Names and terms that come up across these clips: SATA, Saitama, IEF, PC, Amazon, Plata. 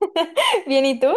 Bien, ¿y tú?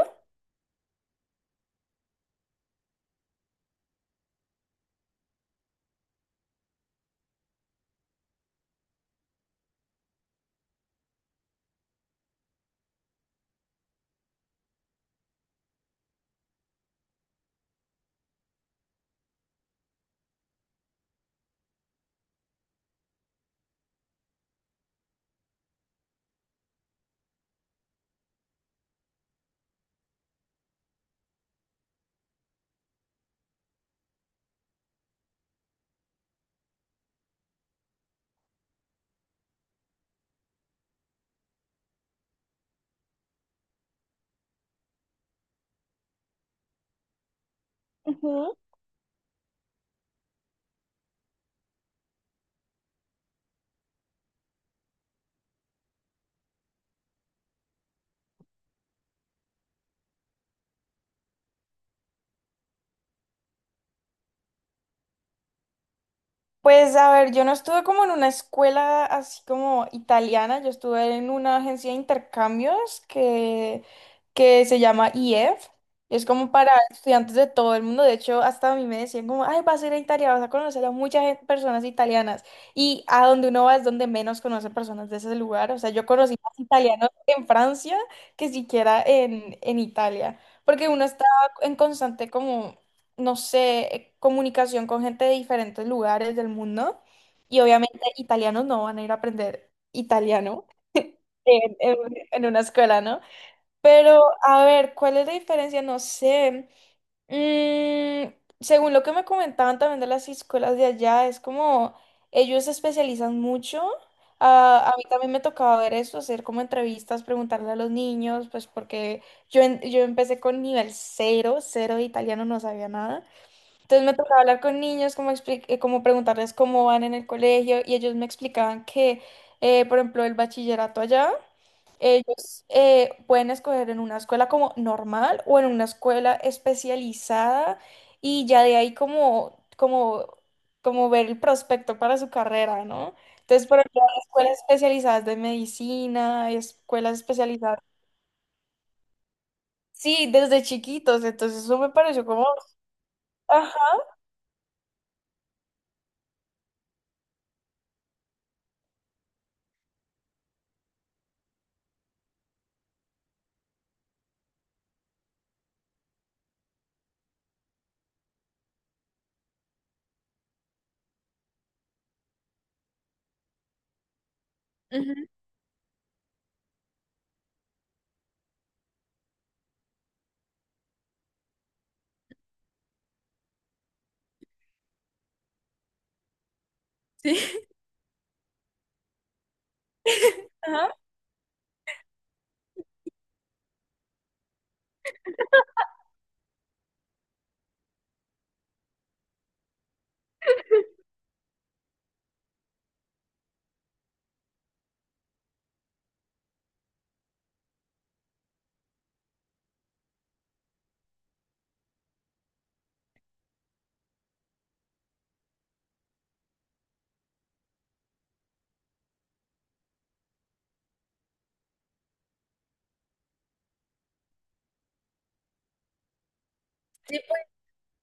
Pues a ver, yo no estuve como en una escuela así como italiana, yo estuve en una agencia de intercambios que se llama IEF. Es como para estudiantes de todo el mundo. De hecho, hasta a mí me decían como, ay, vas a ir a Italia, vas a conocer a muchas personas italianas. Y a donde uno va es donde menos conoce personas de ese lugar. O sea, yo conocí más italianos en Francia que siquiera en Italia. Porque uno está en constante como no sé, comunicación con gente de diferentes lugares del mundo. Y obviamente italianos no van a ir a aprender italiano en, en- en una escuela, ¿no? Pero a ver, ¿cuál es la diferencia? No sé. Mm, según lo que me comentaban también de las escuelas de allá, es como ellos se especializan mucho. Ah, a mí también me tocaba ver eso, hacer como entrevistas, preguntarle a los niños, pues porque yo, yo empecé con nivel cero, cero de italiano, no sabía nada. Entonces me tocaba hablar con niños, como, como preguntarles cómo van en el colegio y ellos me explicaban que, por ejemplo, el bachillerato allá, ellos pueden escoger en una escuela como normal o en una escuela especializada y ya de ahí como, como, como ver el prospecto para su carrera, ¿no? Entonces, por ejemplo, hay escuelas especializadas de medicina, hay escuelas especializadas, sí, desde chiquitos, entonces eso me pareció como... Ajá, ujú, ajá.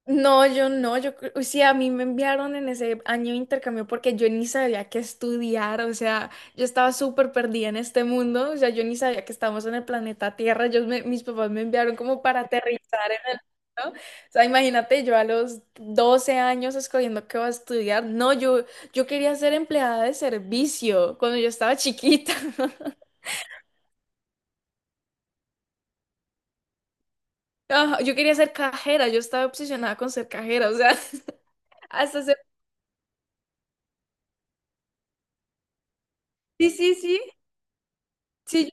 No, yo no, yo, o sea, a mí me enviaron en ese año de intercambio porque yo ni sabía qué estudiar, o sea, yo estaba súper perdida en este mundo, o sea, yo ni sabía que estábamos en el planeta Tierra, yo mis papás me enviaron como para aterrizar en el, ¿no? O sea, imagínate yo a los 12 años escogiendo qué va a estudiar, no, yo quería ser empleada de servicio cuando yo estaba chiquita. Ajá, yo quería ser cajera, yo estaba obsesionada con ser cajera, o sea, hasta ser... Sí, sí, sí, sí.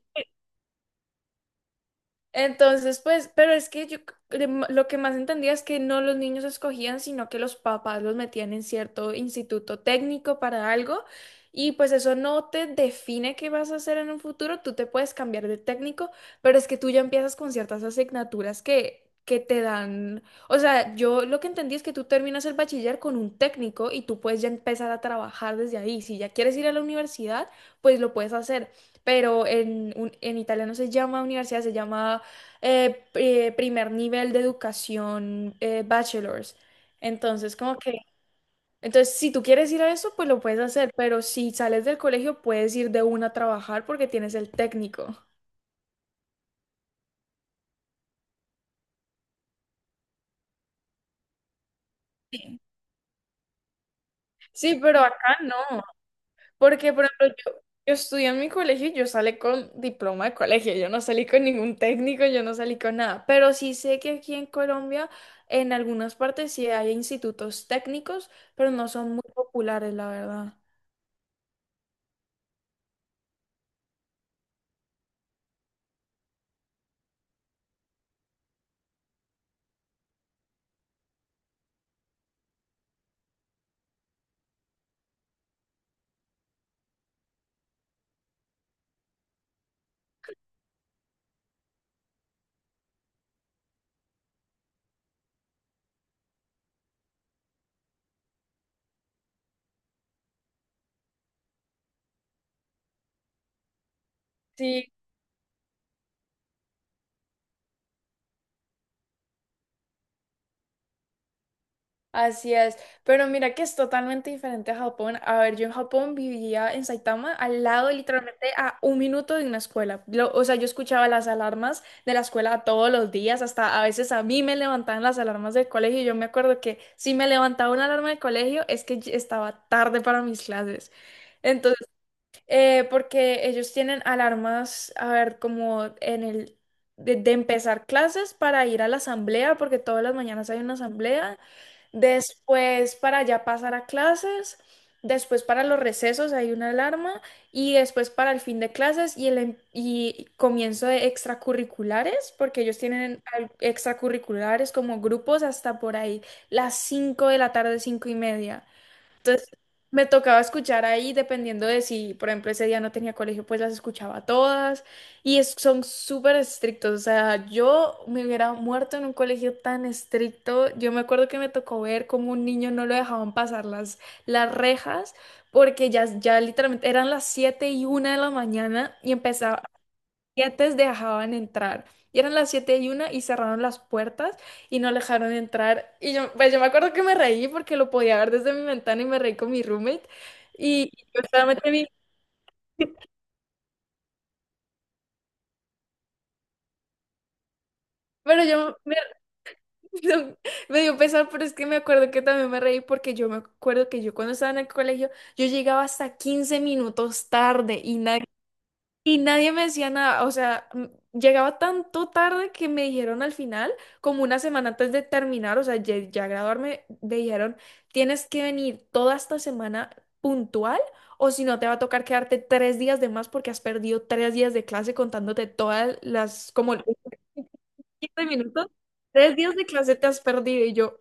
Entonces, pues, pero es que yo lo que más entendía es que no los niños escogían, sino que los papás los metían en cierto instituto técnico para algo. Y pues eso no te define qué vas a hacer en un futuro, tú te puedes cambiar de técnico, pero es que tú ya empiezas con ciertas asignaturas que te dan, o sea, yo lo que entendí es que tú terminas el bachiller con un técnico y tú puedes ya empezar a trabajar desde ahí. Si ya quieres ir a la universidad, pues lo puedes hacer, pero en italiano se llama universidad, se llama primer nivel de educación bachelor's. Entonces, como que, entonces, si tú quieres ir a eso, pues lo puedes hacer, pero si sales del colegio, puedes ir de una a trabajar porque tienes el técnico. Sí, sí, pero acá no, porque, por ejemplo, yo estudié en mi colegio y yo salí con diploma de colegio, yo no salí con ningún técnico, yo no salí con nada, pero sí sé que aquí en Colombia, en algunas partes sí hay institutos técnicos, pero no son muy populares, la verdad. Sí, así es, pero mira que es totalmente diferente a Japón. A ver, yo en Japón vivía en Saitama, al lado literalmente a 1 minuto de una escuela. O sea, yo escuchaba las alarmas de la escuela todos los días, hasta a veces a mí me levantaban las alarmas del colegio. Yo me acuerdo que si me levantaba una alarma del colegio es que yo estaba tarde para mis clases, porque ellos tienen alarmas, a ver, como en el, de empezar clases para ir a la asamblea, porque todas las mañanas hay una asamblea, después para ya pasar a clases, después para los recesos hay una alarma, y después para el fin de clases y el y comienzo de extracurriculares, porque ellos tienen extracurriculares como grupos hasta por ahí, las 5 de la tarde, 5:30. Entonces, me tocaba escuchar ahí, dependiendo de si, por ejemplo, ese día no tenía colegio, pues las escuchaba todas. Y son súper estrictos. O sea, yo me hubiera muerto en un colegio tan estricto. Yo me acuerdo que me tocó ver cómo un niño no lo dejaban pasar las, rejas, porque ya, ya literalmente eran las 7:01 de la mañana y empezaba, antes dejaban entrar. Y eran las 7:01 y cerraron las puertas y no dejaron entrar. Y yo, pues yo me acuerdo que me reí porque lo podía ver desde mi ventana y me reí con mi roommate. Y yo solamente vi, pero me dio pesar, pero es que me acuerdo que también me reí porque yo me acuerdo que yo cuando estaba en el colegio, yo llegaba hasta 15 minutos tarde y nadie. Y nadie me decía nada, o sea, llegaba tanto tarde que me dijeron al final, como una semana antes de terminar, o sea, ya, ya graduarme, me dijeron, tienes que venir toda esta semana puntual o si no te va a tocar quedarte 3 días de más porque has perdido 3 días de clase contándote todas las, como 15 minutos, 3 días de clase te has perdido y yo.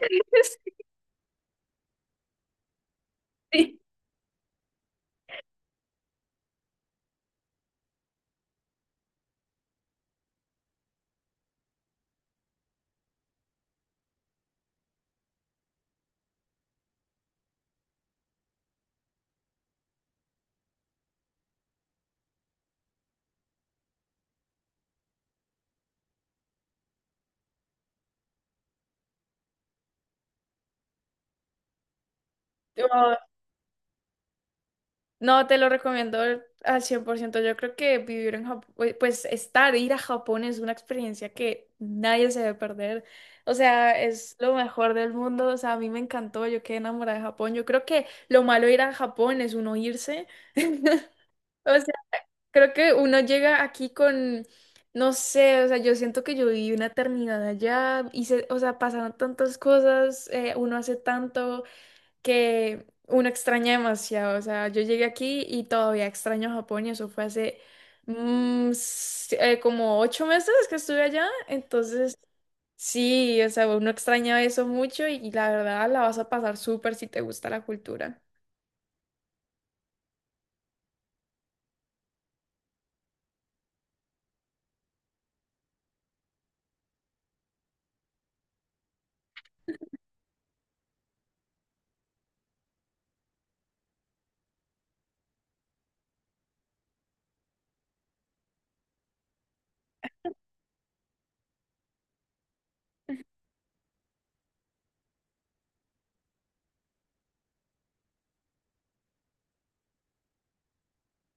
Sí. No, te lo recomiendo al 100%. Yo creo que vivir en Japón, pues, ir a Japón es una experiencia que nadie se debe perder. O sea, es lo mejor del mundo. O sea, a mí me encantó, yo quedé enamorada de Japón. Yo creo que lo malo de ir a Japón es uno irse. O sea, creo que uno llega aquí no sé, o sea, yo siento que yo viví una eternidad allá, hice, o sea, pasaron tantas cosas, uno hace tanto que uno extraña demasiado. O sea, yo llegué aquí y todavía extraño Japón y eso fue hace como 8 meses que estuve allá. Entonces, sí, o sea, uno extraña eso mucho y la verdad la vas a pasar súper si te gusta la cultura.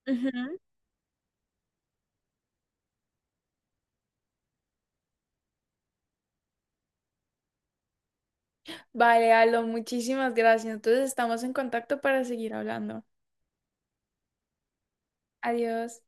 Ujú. Vale, Aldo, muchísimas gracias. Entonces, estamos en contacto para seguir hablando. Adiós.